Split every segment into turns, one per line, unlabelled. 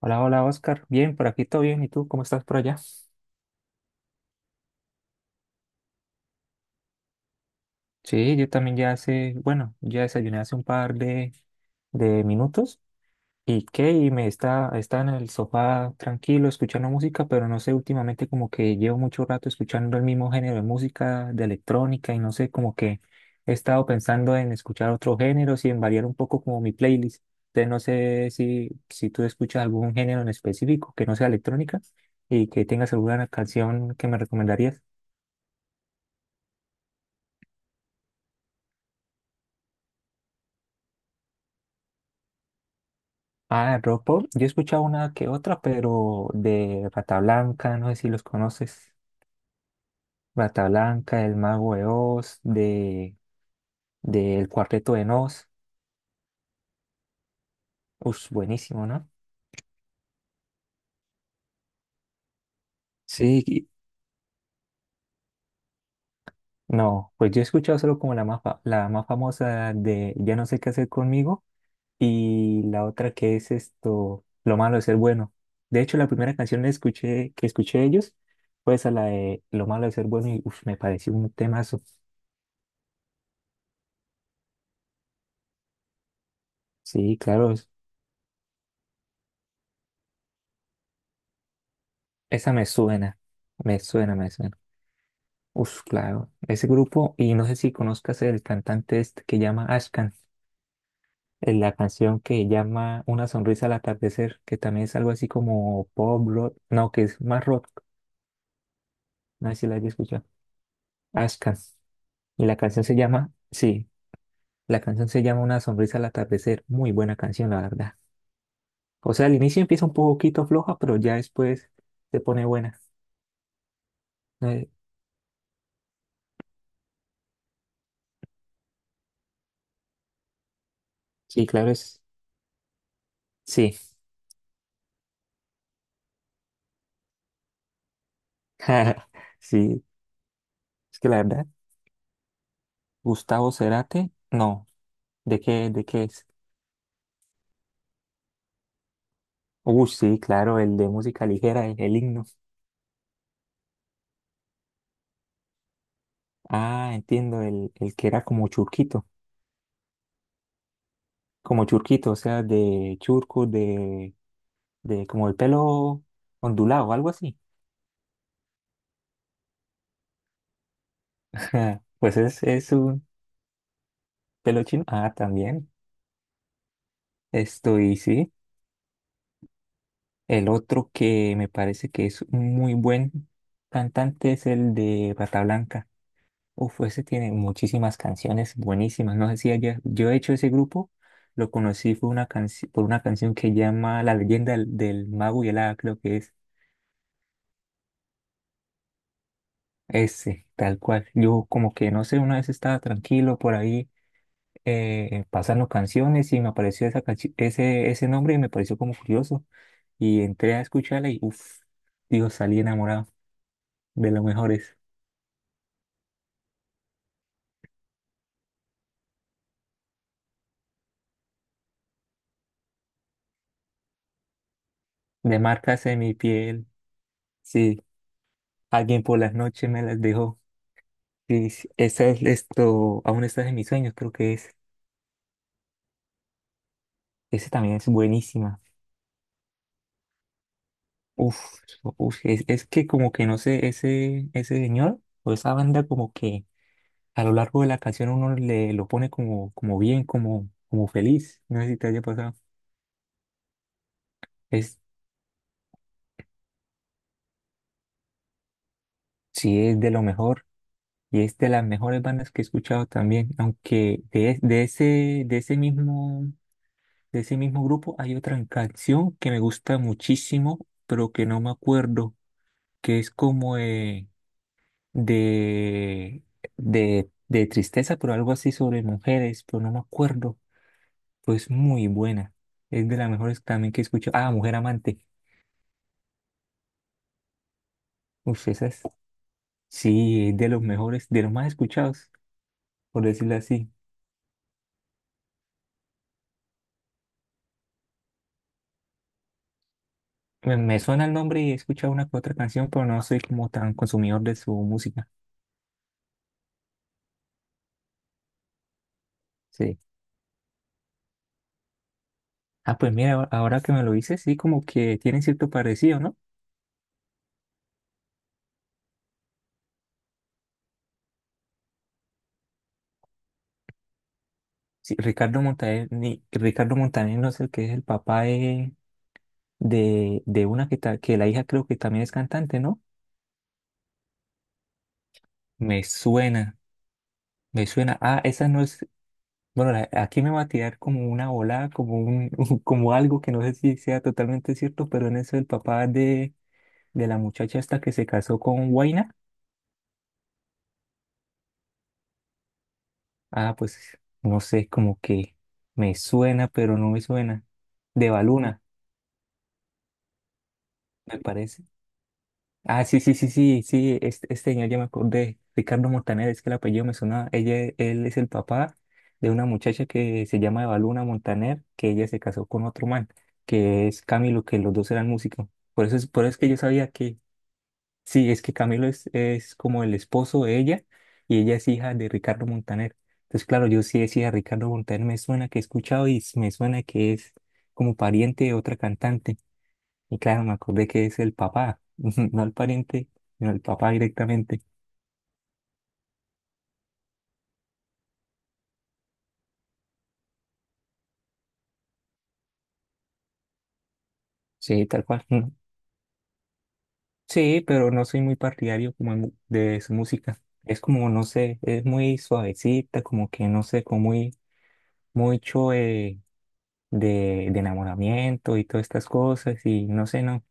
Hola, hola Oscar. Bien, por aquí todo bien. ¿Y tú cómo estás por allá? Sí, yo también ya hace, bueno, ya desayuné hace un par de minutos. ¿Y qué? Y me está en el sofá tranquilo escuchando música, pero no sé, últimamente como que llevo mucho rato escuchando el mismo género de música, de electrónica, y no sé, como que he estado pensando en escuchar otros géneros y en variar un poco como mi playlist. Entonces no sé si tú escuchas algún género en específico que no sea electrónica y que tengas alguna canción que me recomendarías. Ah, Ropo, yo he escuchado una que otra, pero de Rata Blanca, no sé si los conoces. Rata Blanca, El Mago de Oz, del Cuarteto de Nos. Ush, buenísimo, ¿no? Sí, no, pues yo he escuchado solo como la más, la más famosa de Ya no sé qué hacer conmigo y la otra que es esto, Lo malo de ser bueno. De hecho, la primera canción que escuché de ellos fue esa, la de Lo malo de ser bueno y uf, me pareció un temazo. Sí, claro. Esa me suena, me suena, me suena. Uf, claro. Ese grupo, y no sé si conozcas el cantante este que llama Ashkan, en la canción que llama Una sonrisa al atardecer, que también es algo así como pop rock, no, que es más rock, no sé si la hayas escuchado. Ashkan. Y la canción se llama, sí, la canción se llama Una sonrisa al atardecer. Muy buena canción, la verdad. O sea, al inicio empieza un poquito floja, pero ya después se pone buena. Eh, sí, claro, sí, sí. Es que la verdad. Gustavo Cerati, no, ¿de qué es? Uy, sí, claro, el de música ligera, el himno. Ah, entiendo, el que era como churquito, o sea, de churco, de como el pelo ondulado, algo así. Pues es un pelo chino. Ah, también, esto y sí. El otro que me parece que es un muy buen cantante es el de Bata Blanca. Uf, ese tiene muchísimas canciones buenísimas. No sé si yo he hecho ese grupo, lo conocí fue una por una canción que llama La leyenda del mago y el hada, creo que es ese, tal cual. Yo como que no sé, una vez estaba tranquilo por ahí pasando canciones y me apareció esa ese nombre y me pareció como curioso. Y entré a escucharla y uff, digo, salí enamorado de lo mejores. De marcas en mi piel, sí, alguien por las noches me las dejó. Sí, sí, esa es esto, aún estás en mis sueños, creo que es, ese también es buenísima. Uf, uf, es que como que no sé, ese señor o esa banda como que a lo largo de la canción uno le lo pone como, como bien, como, como feliz. No sé si te haya pasado. Es, sí, es de lo mejor y es de las mejores bandas que he escuchado también, aunque de ese mismo grupo hay otra canción que me gusta muchísimo, pero que no me acuerdo. Que es como de, de tristeza, pero algo así sobre mujeres, pero no me acuerdo. Pues muy buena. Es de las mejores también que escucho. Ah, Mujer Amante. Uf, esa es. Sí, es de los mejores, de los más escuchados, por decirlo así. Me suena el nombre y he escuchado una que otra canción, pero no soy como tan consumidor de su música. Sí. Ah, pues mira, ahora que me lo dices, sí, como que tienen cierto parecido, ¿no? Sí, Ricardo Montaner, Ricardo Montaner no es el que es el papá de una que la hija creo que también es cantante, ¿no? Me suena, me suena. Ah, esa no es, bueno, aquí me va a tirar como una volada, como un, como algo que no sé si sea totalmente cierto, pero en eso el papá de la muchacha esta que se casó con Huayna, ah, pues no sé, como que me suena, pero no me suena. De Baluna, me parece. Ah, sí, sí, sí, sí, sí, este señor ya me acordé, Ricardo Montaner, es que el apellido me sonaba, ella, él es el papá de una muchacha que se llama Evaluna Montaner, que ella se casó con otro man, que es Camilo, que los dos eran músicos, por eso es que yo sabía que, sí, es que Camilo es como el esposo de ella, y ella es hija de Ricardo Montaner, entonces claro, yo sí decía, Ricardo Montaner me suena que he escuchado y me suena que es como pariente de otra cantante, y claro, me acordé que es el papá, no el pariente, sino el papá directamente. Sí, tal cual. Sí, pero no soy muy partidario como de su música. Es como, no sé, es muy suavecita, como que no sé, como muy, mucho de enamoramiento y todas estas cosas. Y no sé, no,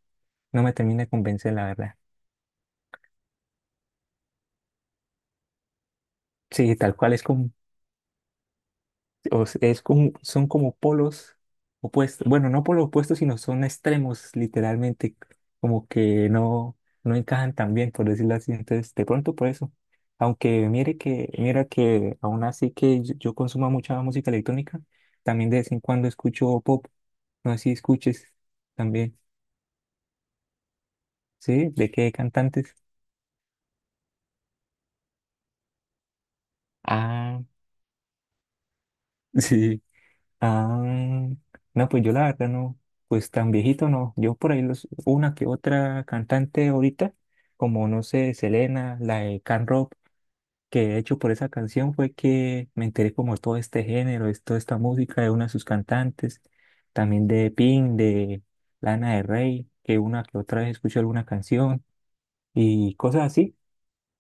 no me termina de convencer, la verdad. Sí, tal cual es como es como, son como polos opuestos. Bueno, no polos opuestos, sino son extremos, literalmente, como que no, no encajan tan bien, por decirlo así. Entonces, de pronto por eso. Aunque mira que aún así que yo consumo mucha música electrónica, también de vez en cuando escucho pop. No sé si escuches también. ¿Sí? ¿De qué cantantes? Ah, sí. Ah, no, pues yo la verdad no, pues tan viejito no. Yo por ahí los, una que otra cantante ahorita, como no sé, Selena, la de Can Rock, que de hecho por esa canción fue que me enteré como de todo este género, de toda esta música de una de sus cantantes, también de Pink, de Lana del Rey, que una que otra vez escuché alguna canción y cosas así.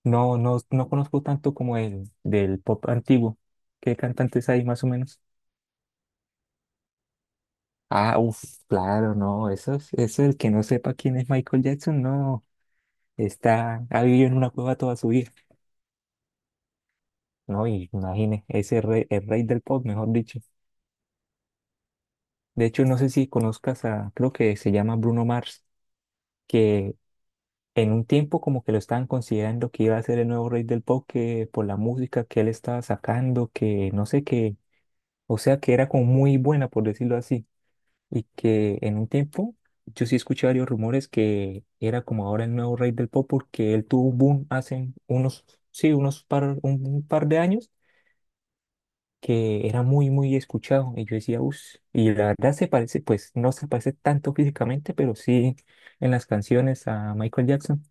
No conozco tanto como el del pop antiguo. ¿Qué cantantes hay más o menos? Ah, uff, claro, no, eso el que no sepa quién es Michael Jackson, no, está, ha vivido en una cueva toda su vida, no, y imagine, ese rey, el rey del pop, mejor dicho. De hecho, no sé si conozcas a, creo que se llama Bruno Mars, que en un tiempo como que lo estaban considerando que iba a ser el nuevo rey del pop, que por la música que él estaba sacando, que no sé qué, o sea, que era como muy buena, por decirlo así y que en un tiempo yo sí escuché varios rumores que era como ahora el nuevo rey del pop porque él tuvo un boom hace unos, sí, un par de años que era muy, muy escuchado y yo decía, uff, y la verdad se parece, pues no se parece tanto físicamente, pero sí en las canciones a Michael Jackson,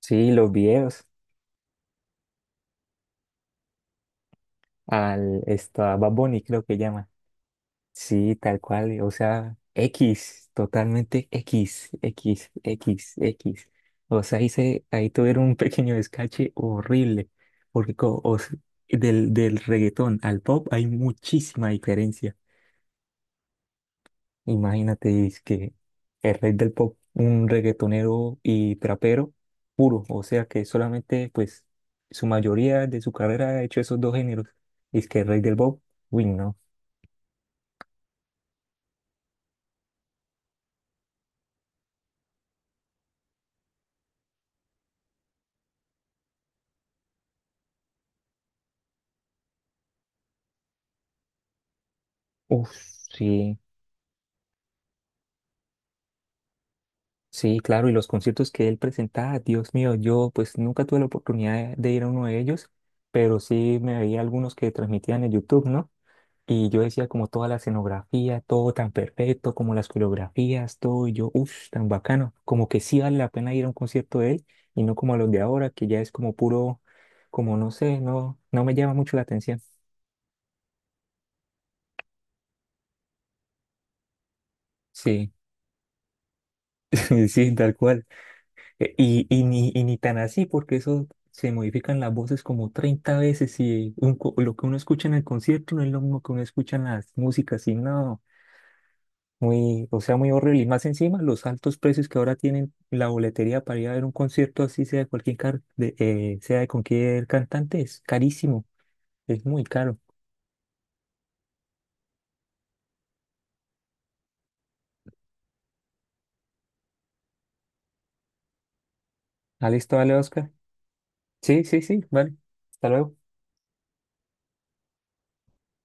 sí, los videos, a Bad Bunny creo que llama. Sí, tal cual, o sea, X, totalmente X, X, X, X. O sea, ahí tuvieron un pequeño descache horrible, porque del reggaetón al pop hay muchísima diferencia. Imagínate, es que el rey del pop, un reggaetonero y trapero puro, o sea que solamente, pues, su mayoría de su carrera ha hecho esos dos géneros. Es que el rey del pop, uy, no. Uf, sí. Sí, claro, y los conciertos que él presentaba, Dios mío, yo pues nunca tuve la oportunidad de ir a uno de ellos, pero sí me veía algunos que transmitían en YouTube, ¿no? Y yo decía como toda la escenografía, todo tan perfecto, como las coreografías, todo, y yo, uff, tan bacano, como que sí vale la pena ir a un concierto de él y no como a los de ahora, que ya es como puro, como no sé, no, no me llama mucho la atención. Sí, sí, tal cual. Y ni tan así, porque eso se modifican las voces como 30 veces y un lo que uno escucha en el concierto no es lo mismo que uno escucha en las músicas, y no, muy, o sea, muy horrible. Y más encima, los altos precios que ahora tienen la boletería para ir a ver un concierto así, sea de sea de cualquier cantante, es carísimo, es muy caro. Alex, vale, Oscar. Sí, sí, sí, vale. Hasta luego.